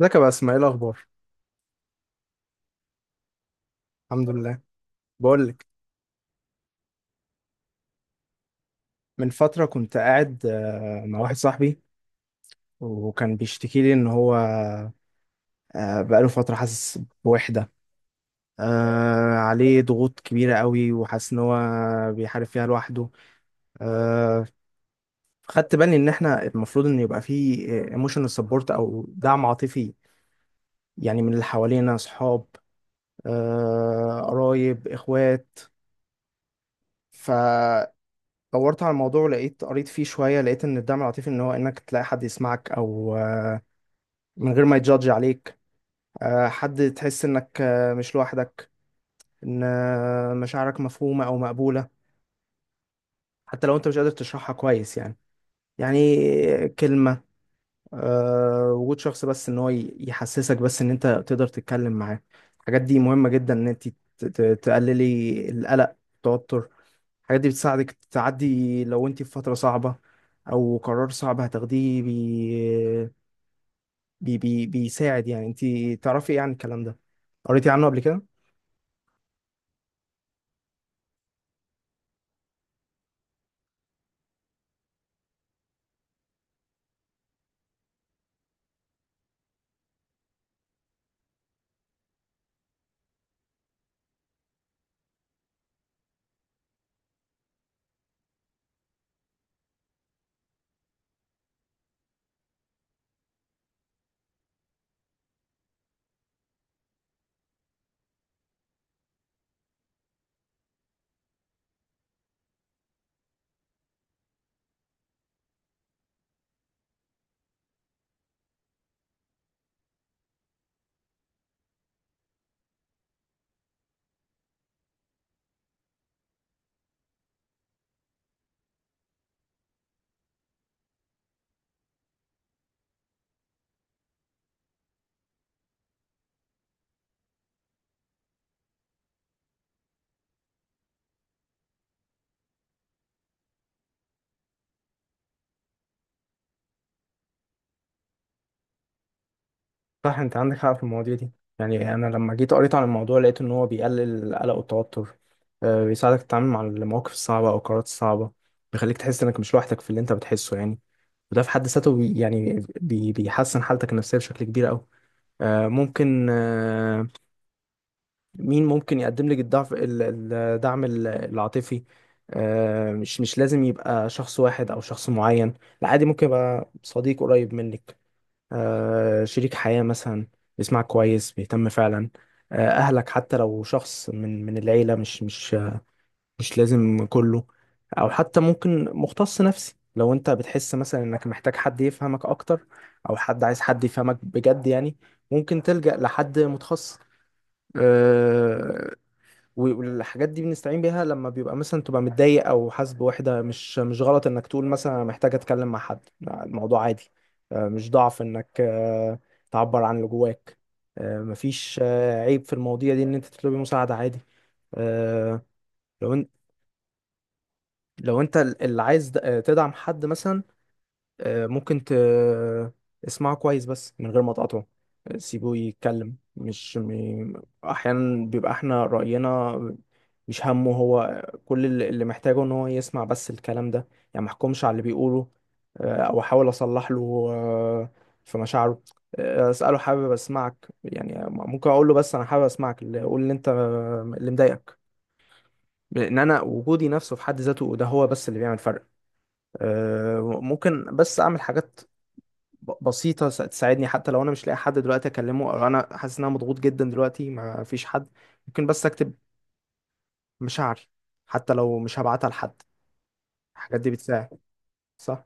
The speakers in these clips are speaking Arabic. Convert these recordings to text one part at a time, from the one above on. ازيك يا باسم؟ ايه الاخبار؟ الحمد لله. بقول لك. من فتره كنت قاعد مع واحد صاحبي، وكان بيشتكي لي ان هو بقاله فتره حاسس بوحده. عليه ضغوط كبيره قوي وحاسس ان هو بيحارب فيها لوحده. آه، خدت بالي ان احنا المفروض ان يبقى فيه ايموشنال سبورت او دعم عاطفي، يعني من اللي حوالينا اصحاب، قرايب، اخوات. ف دورت على الموضوع، لقيت قريت فيه شوية، لقيت إن الدعم العاطفي إن هو إنك تلاقي حد يسمعك أو من غير ما يجادج عليك، حد تحس إنك مش لوحدك، إن مشاعرك مفهومة أو مقبولة، حتى لو أنت مش قادر تشرحها كويس يعني كلمة، وجود شخص، بس ان هو يحسسك بس ان انت تقدر تتكلم معاه. الحاجات دي مهمة جدا ان انت تقللي القلق، التوتر. الحاجات دي بتساعدك تعدي لو انت في فترة صعبة او قرار صعب هتاخديه بيساعد يعني. انت تعرفي ايه عن الكلام ده؟ قريتي عنه قبل كده؟ صح، انت عندك حق في المواضيع دي. يعني انا لما جيت قريت عن الموضوع لقيت ان هو بيقلل القلق والتوتر، بيساعدك تتعامل مع المواقف الصعبه او القرارات الصعبه، بيخليك تحس انك مش لوحدك في اللي انت بتحسه يعني. وده في حد ذاته بي يعني بي بيحسن حالتك النفسيه بشكل كبير قوي. آه، ممكن آه، مين ممكن يقدم لك الدعم العاطفي؟ مش لازم يبقى شخص واحد او شخص معين، لا عادي، ممكن يبقى صديق قريب منك، شريك حياة مثلا بيسمعك كويس، بيهتم فعلا، أهلك، حتى لو شخص من العيلة، مش لازم كله. أو حتى ممكن مختص نفسي لو أنت بتحس مثلا إنك محتاج حد يفهمك أكتر، أو حد عايز حد يفهمك بجد يعني، ممكن تلجأ لحد متخصص. آه، والحاجات دي بنستعين بيها لما بيبقى مثلا تبقى متضايق او حاسس بوحده. مش غلط انك تقول مثلا أنا محتاج اتكلم مع حد. لا، الموضوع عادي. مش ضعف انك تعبر عن اللي جواك. مفيش عيب في المواضيع دي ان انت تطلبي مساعده، عادي. آه، لو انت لو انت اللي عايز تدعم حد مثلا، ممكن اسمعه كويس بس من غير ما تقاطعه. سيبه يتكلم، مش م... احيانا بيبقى احنا رأينا، مش همه. هو كل اللي محتاجه ان هو يسمع بس الكلام ده يعني. ما احكمش على اللي بيقوله، او احاول اصلح له في مشاعره. اساله حابب اسمعك يعني، ممكن اقول له بس انا حابب اسمعك، اللي قول اللي انت اللي مضايقك، لان انا وجودي نفسه في حد ذاته ده هو بس اللي بيعمل فرق. ممكن بس اعمل حاجات بسيطة تساعدني، حتى لو أنا مش لاقي حد دلوقتي أكلمه، أو أنا حاسس إن أنا مضغوط جدا دلوقتي ما فيش حد. ممكن بس أكتب مشاعري حتى لو مش هبعتها لحد. الحاجات دي بتساعد. صح.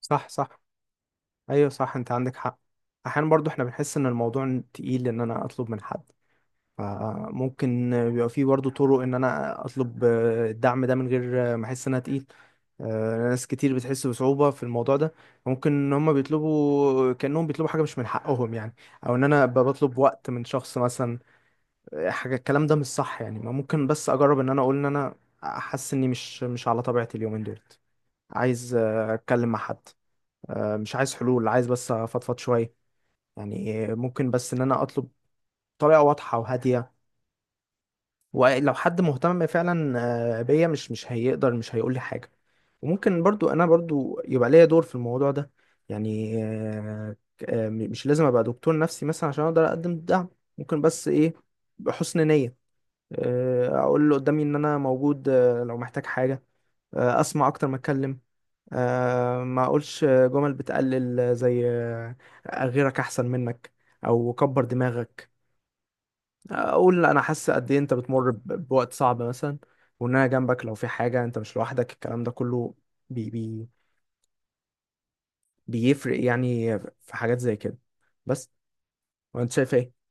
صح، صح. أيوه صح، أنت عندك حق. أحيانا برضو إحنا بنحس إن الموضوع تقيل إن أنا أطلب من حد، فممكن بيبقى فيه برضه طرق ان انا اطلب الدعم ده من غير ما احس ان انا تقيل. ناس كتير بتحس بصعوبة في الموضوع ده، ممكن ان هم بيطلبوا كأنهم بيطلبوا حاجة مش من حقهم يعني، او ان انا أبقى بطلب وقت من شخص مثلا. حاجة الكلام ده مش صح يعني. ما ممكن بس اجرب ان انا اقول ان انا حاسس اني مش على طبيعتي اليومين دولت، عايز اتكلم مع حد. مش عايز حلول، عايز بس افضفض شوية يعني. ممكن بس ان انا اطلب طريقة واضحة وهادية، ولو حد مهتم فعلا بيا مش هيقدر مش هيقول لي حاجة. وممكن برضو انا برضو يبقى ليا دور في الموضوع ده يعني. مش لازم ابقى دكتور نفسي مثلا عشان اقدر اقدم الدعم، ممكن بس ايه، بحسن نية اقول اللي قدامي ان انا موجود، لو محتاج حاجة. اسمع اكتر ما اتكلم، ما اقولش جمل بتقلل زي غيرك احسن منك، او كبر دماغك. اقول انا حاسس قد ايه انت بتمر بوقت صعب مثلا، وان انا جنبك لو في حاجه، انت مش لوحدك. الكلام ده كله بي بي بيفرق يعني في حاجات زي كده. بس، وانت شايف ايه؟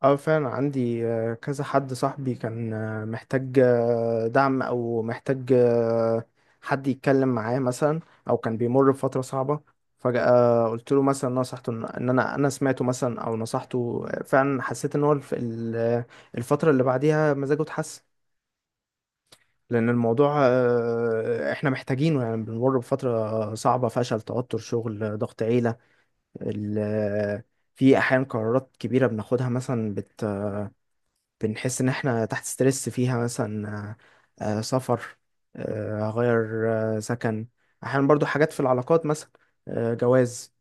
اه فعلا عندي كذا حد صاحبي كان محتاج دعم او محتاج حد يتكلم معاه مثلا، او كان بيمر بفترة صعبة. فجأة قلت له مثلا، نصحته إن انا سمعته مثلا او نصحته. فعلا حسيت ان هو الفترة اللي بعديها مزاجه اتحسن. لأن الموضوع إحنا محتاجينه، يعني بنمر بفترة صعبة، فشل، توتر، شغل، ضغط، عيلة، ال- في أحيانا قرارات كبيرة بناخدها مثلا، بنحس إن إحنا تحت ستريس فيها مثلا، سفر، هغير سكن. أحيانا برضو حاجات في العلاقات مثلا، جواز،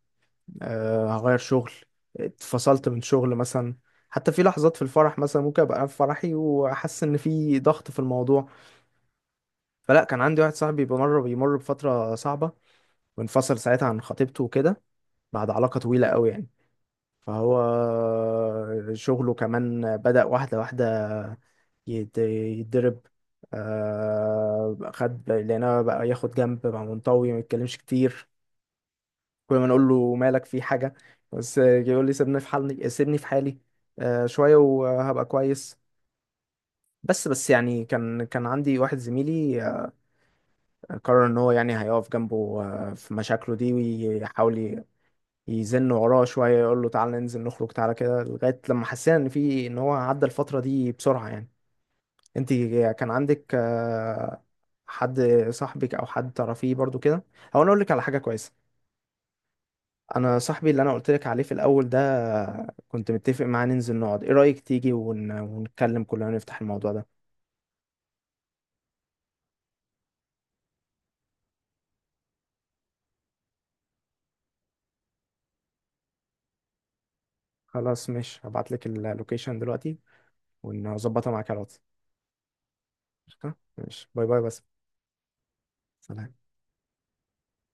هغير شغل، اتفصلت من شغل مثلا. حتى في لحظات في الفرح مثلا ممكن أبقى في فرحي وأحس إن في ضغط في الموضوع. فلا، كان عندي واحد صاحبي بيمر بفترة صعبة، وانفصل ساعتها عن خطيبته وكده بعد علاقة طويلة قوي يعني. فهو شغله كمان بدأ واحدة واحدة يتضرب. آه، خد لقيناه بقى ياخد جنب، بقى منطوي ما يتكلمش كتير، كل ما نقول له مالك، في حاجة؟ بس يقول لي سيبني في حالي، سيبني في حالي، شوية وهبقى كويس. بس يعني كان عندي واحد زميلي قرر ان هو يعني هيقف جنبه في مشاكله دي، ويحاول يزن وراه شوية، يقول له تعالى ننزل نخرج، تعالى كده، لغاية لما حسينا ان في ان هو عدى الفترة دي بسرعة يعني. انت كان عندك حد صاحبك او حد تعرفيه برضو كده؟ هو انا اقول لك على حاجة كويسة. انا صاحبي اللي انا قلت لك عليه في الاول ده، كنت متفق معاه ننزل نقعد. ايه رأيك تيجي ونتكلم كلنا، نفتح الموضوع ده؟ خلاص ماشي، هبعت لك اللوكيشن دلوقتي ونظبطها معاك على الواتس. قشطة؟ ماشي، باي باي، بس سلام.